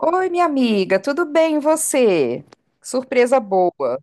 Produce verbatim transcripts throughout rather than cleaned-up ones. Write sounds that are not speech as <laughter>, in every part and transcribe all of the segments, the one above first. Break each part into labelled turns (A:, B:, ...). A: Oi, minha amiga, tudo bem e você? Que surpresa boa.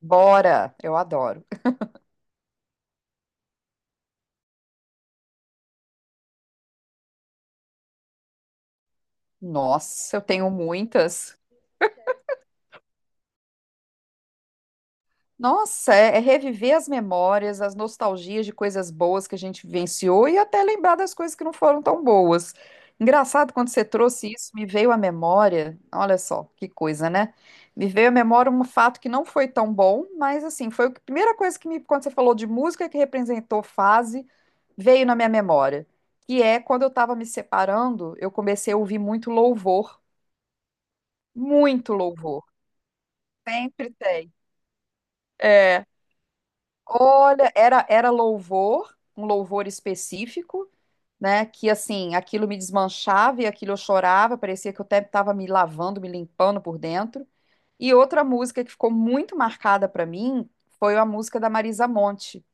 A: Bora, eu adoro. Nossa, eu tenho muitas. Nossa, é, é reviver as memórias, as nostalgias de coisas boas que a gente vivenciou e até lembrar das coisas que não foram tão boas. Engraçado, quando você trouxe isso, me veio à memória. Olha só, que coisa, né? Me veio à memória um fato que não foi tão bom, mas assim, foi a primeira coisa que me, quando você falou de música que representou fase. Veio na minha memória, que é quando eu estava me separando, eu comecei a ouvir muito louvor, muito louvor. Sempre tem. É, olha, era era louvor, um louvor específico, né, que assim, aquilo me desmanchava e aquilo eu chorava, parecia que eu até estava me lavando, me limpando por dentro. E outra música que ficou muito marcada para mim foi a música da Marisa Monte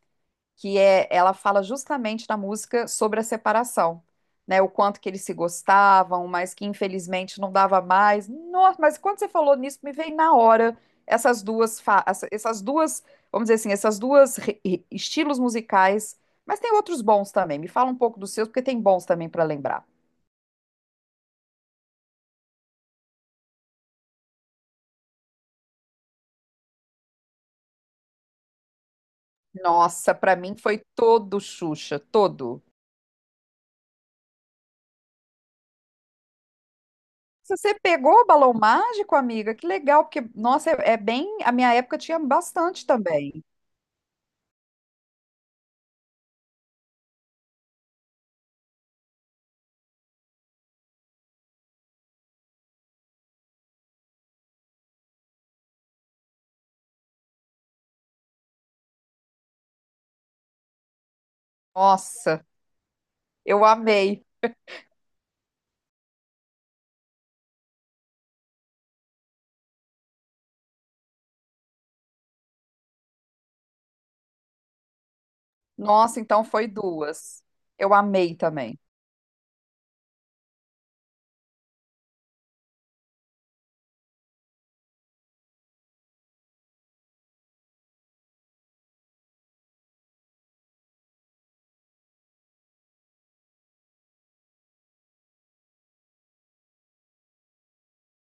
A: que é, ela fala justamente na música sobre a separação, né? O quanto que eles se gostavam, mas que infelizmente não dava mais. Nossa, mas quando você falou nisso, me veio na hora essas duas, fa- essa- essas duas, vamos dizer assim, essas duas re- re- estilos musicais, mas tem outros bons também. Me fala um pouco dos seus, porque tem bons também para lembrar. Nossa, para mim foi todo Xuxa, todo. Se você pegou o Balão Mágico, amiga? Que legal, porque, nossa, é é bem. A minha época tinha bastante também. Nossa, eu amei. Nossa, então foi duas. Eu amei também.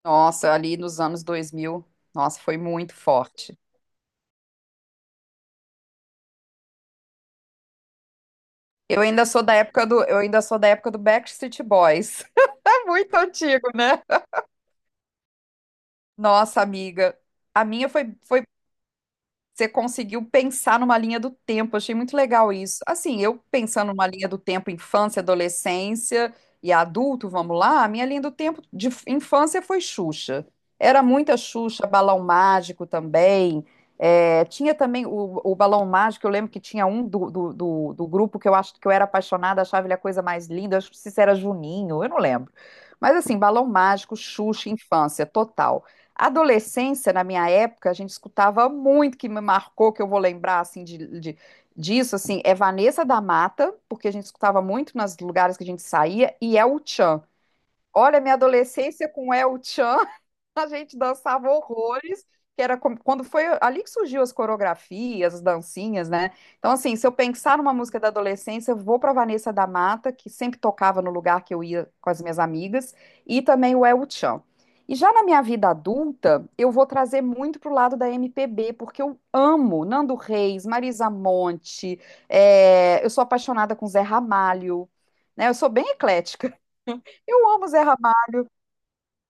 A: Nossa, ali nos anos dois mil. Nossa, foi muito forte. Eu ainda sou da época do, eu ainda sou da época do Backstreet Boys. <laughs> É muito antigo, né? Nossa, amiga, a minha foi, foi você conseguiu pensar numa linha do tempo, achei muito legal isso. Assim, eu pensando numa linha do tempo infância, adolescência e adulto, vamos lá, a minha linha do tempo de f- infância foi Xuxa. Era muita Xuxa, Balão Mágico também. É, tinha também o, o Balão Mágico, eu lembro que tinha um do, do, do- do grupo que eu acho que eu era apaixonada, achava ele a coisa mais linda, eu acho que se era Juninho, eu não lembro. Mas assim, Balão Mágico, Xuxa, infância, total. Adolescência, na minha época, a gente escutava muito que me marcou, que eu vou lembrar assim de, de- disso, assim, é Vanessa da Mata, porque a gente escutava muito nos lugares que a gente saía, e El Chan. Olha, minha adolescência com El Chan. A gente dançava horrores, que era como- quando foi ali que surgiu as coreografias, as dancinhas, né? Então, assim, se eu pensar numa música da adolescência, eu vou para Vanessa da Mata, que sempre tocava no lugar que eu ia com as minhas amigas, e também o El Chão. E já na minha vida adulta, eu vou trazer muito pro lado da M P B, porque eu amo Nando Reis, Marisa Monte, é, eu sou apaixonada com Zé Ramalho, né? Eu sou bem eclética. Eu amo Zé,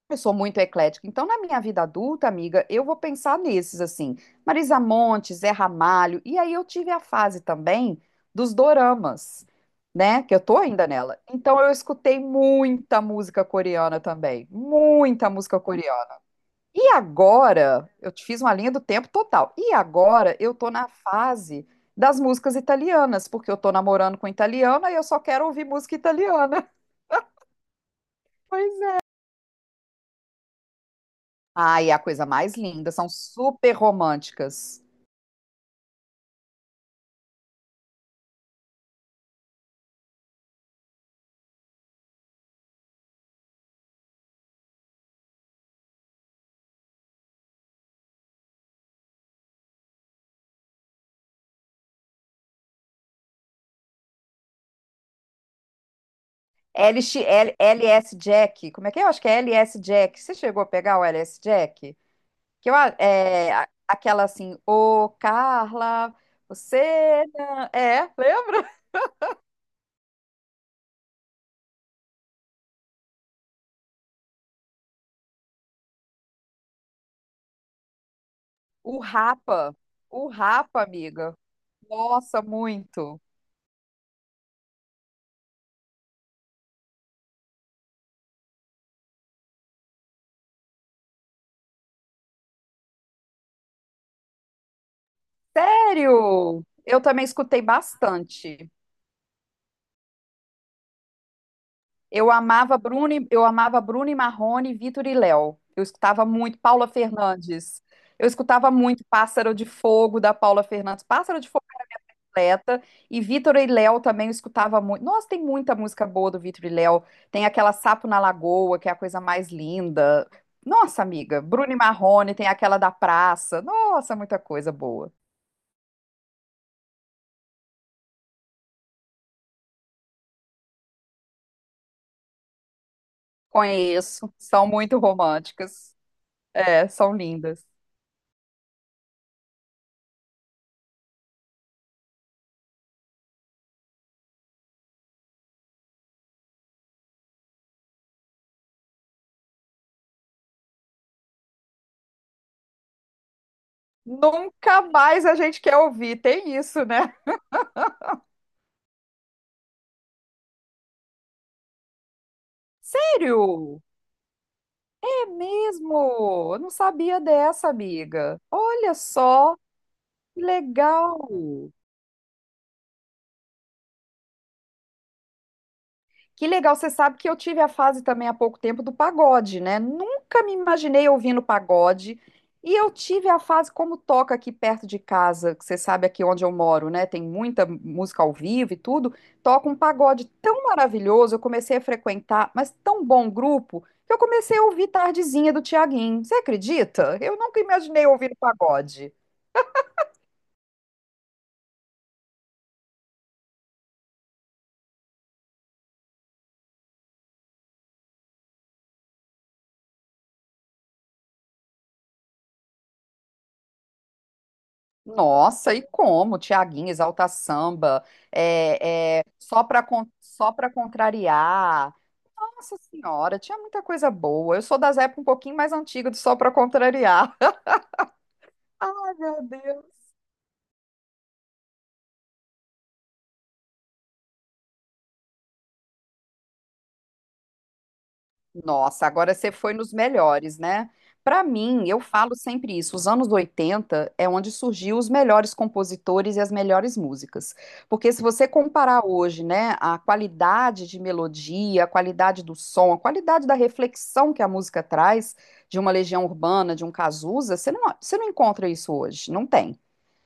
A: eu sou muito eclética. Então, na minha vida adulta, amiga, eu vou pensar nesses, assim, Marisa Montes, Zé Ramalho. E aí eu tive a fase também dos doramas, né? Que eu tô ainda nela. Então, eu escutei muita música coreana também. Muita música coreana. E agora, eu te fiz uma linha do tempo total. E agora, eu tô na fase das músicas italianas, porque eu tô namorando com italiana e eu só quero ouvir música italiana. <laughs> Ai, é a coisa mais linda. São super românticas. L X, L- LS Jack. Como é que é? Eu acho que é L S Jack. Você chegou a pegar o L S Jack? Que eu, a- é a- aquela assim, ô Carla, você. Não-" É, lembra? O Rapa. O Rapa, amiga. Nossa, muito. Sério? Eu também escutei bastante. Eu amava Bruno, e- eu amava Bruno e Marrone, Vitor e Léo. Eu escutava muito Paula Fernandes. Eu escutava muito Pássaro de Fogo da Paula Fernandes, Pássaro de Fogo completa e Vitor e Léo também eu escutava muito. Nossa, tem muita música boa do Vitor e Léo. Tem aquela Sapo na Lagoa, que é a coisa mais linda. Nossa, amiga, Bruno e Marrone, tem aquela da praça. Nossa, muita coisa boa. Conheço, são muito românticas. É, são lindas. Nunca mais a gente quer ouvir, tem isso, né? Sério? É mesmo? Eu não sabia dessa, amiga. Olha só, que legal. Que legal, você sabe que eu tive a fase também há pouco tempo do pagode, né? Nunca me imaginei ouvindo pagode. E eu tive a fase como toca aqui perto de casa, que você sabe aqui onde eu moro, né? Tem muita música ao vivo e tudo. Toca um pagode tão maravilhoso, eu comecei a frequentar, mas tão bom grupo, que eu comecei a ouvir Tardezinha do Tiaguinho. Você acredita? Eu nunca imaginei ouvir pagode. Nossa, e como? Tiaguinho, Exalta Samba, é, é, só para só para contrariar. Nossa Senhora, tinha muita coisa boa. Eu sou das épocas um pouquinho mais antigas do Só para Contrariar. <laughs> Ai, meu Deus. Nossa, agora você foi nos melhores, né? Para mim, eu falo sempre isso, os anos oitenta é onde surgiu os melhores compositores e as melhores músicas. Porque se você comparar hoje, né, a qualidade de melodia, a qualidade do som, a qualidade da reflexão que a música traz de uma Legião Urbana, de um Cazuza, você não, você não encontra isso hoje, não tem.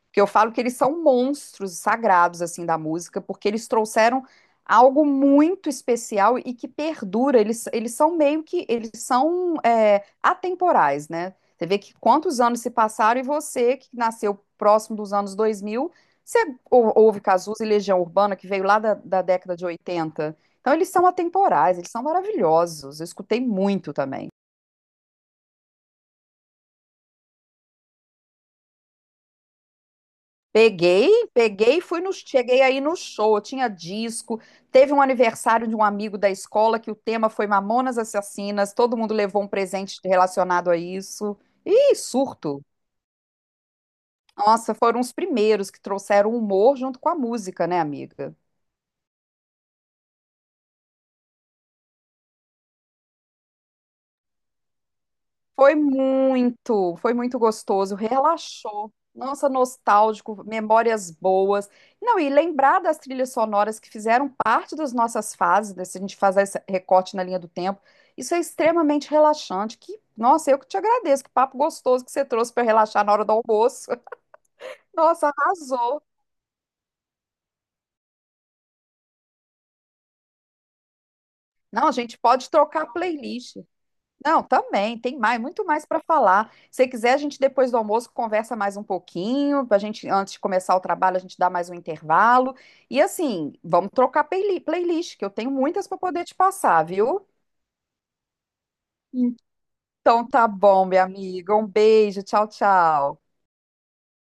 A: Porque eu falo que eles são monstros sagrados, assim, da música, porque eles trouxeram algo muito especial e que perdura. Eles, eles são meio que, eles são é, atemporais, né? Você vê que quantos anos se passaram e você, que nasceu próximo dos anos dois mil, você ou- ouve Cazuza e Legião Urbana, que veio lá da, da década de oitenta. Então, eles são atemporais, eles são maravilhosos. Eu escutei muito também. Peguei, peguei e fui no, cheguei aí no show, tinha disco, teve um aniversário de um amigo da escola que o tema foi Mamonas Assassinas, todo mundo levou um presente relacionado a isso. Ih, surto. Nossa, foram os primeiros que trouxeram humor junto com a música, né, amiga? Foi muito, foi muito gostoso, relaxou. Nossa, nostálgico, memórias boas. Não, e lembrar das trilhas sonoras que fizeram parte das nossas fases, né, se a gente fazer esse recorte na linha do tempo, isso é extremamente relaxante. Que, nossa, eu que te agradeço, que papo gostoso que você trouxe para relaxar na hora do almoço. <laughs> Nossa, arrasou. Não, a gente pode trocar playlist. Não, também, tem mais, muito mais para falar. Se você quiser, a gente depois do almoço conversa mais um pouquinho, pra gente antes de começar o trabalho, a gente dá mais um intervalo. E assim, vamos trocar playli- playlist, que eu tenho muitas para poder te passar, viu? Então tá bom, minha amiga. Um beijo, tchau, tchau.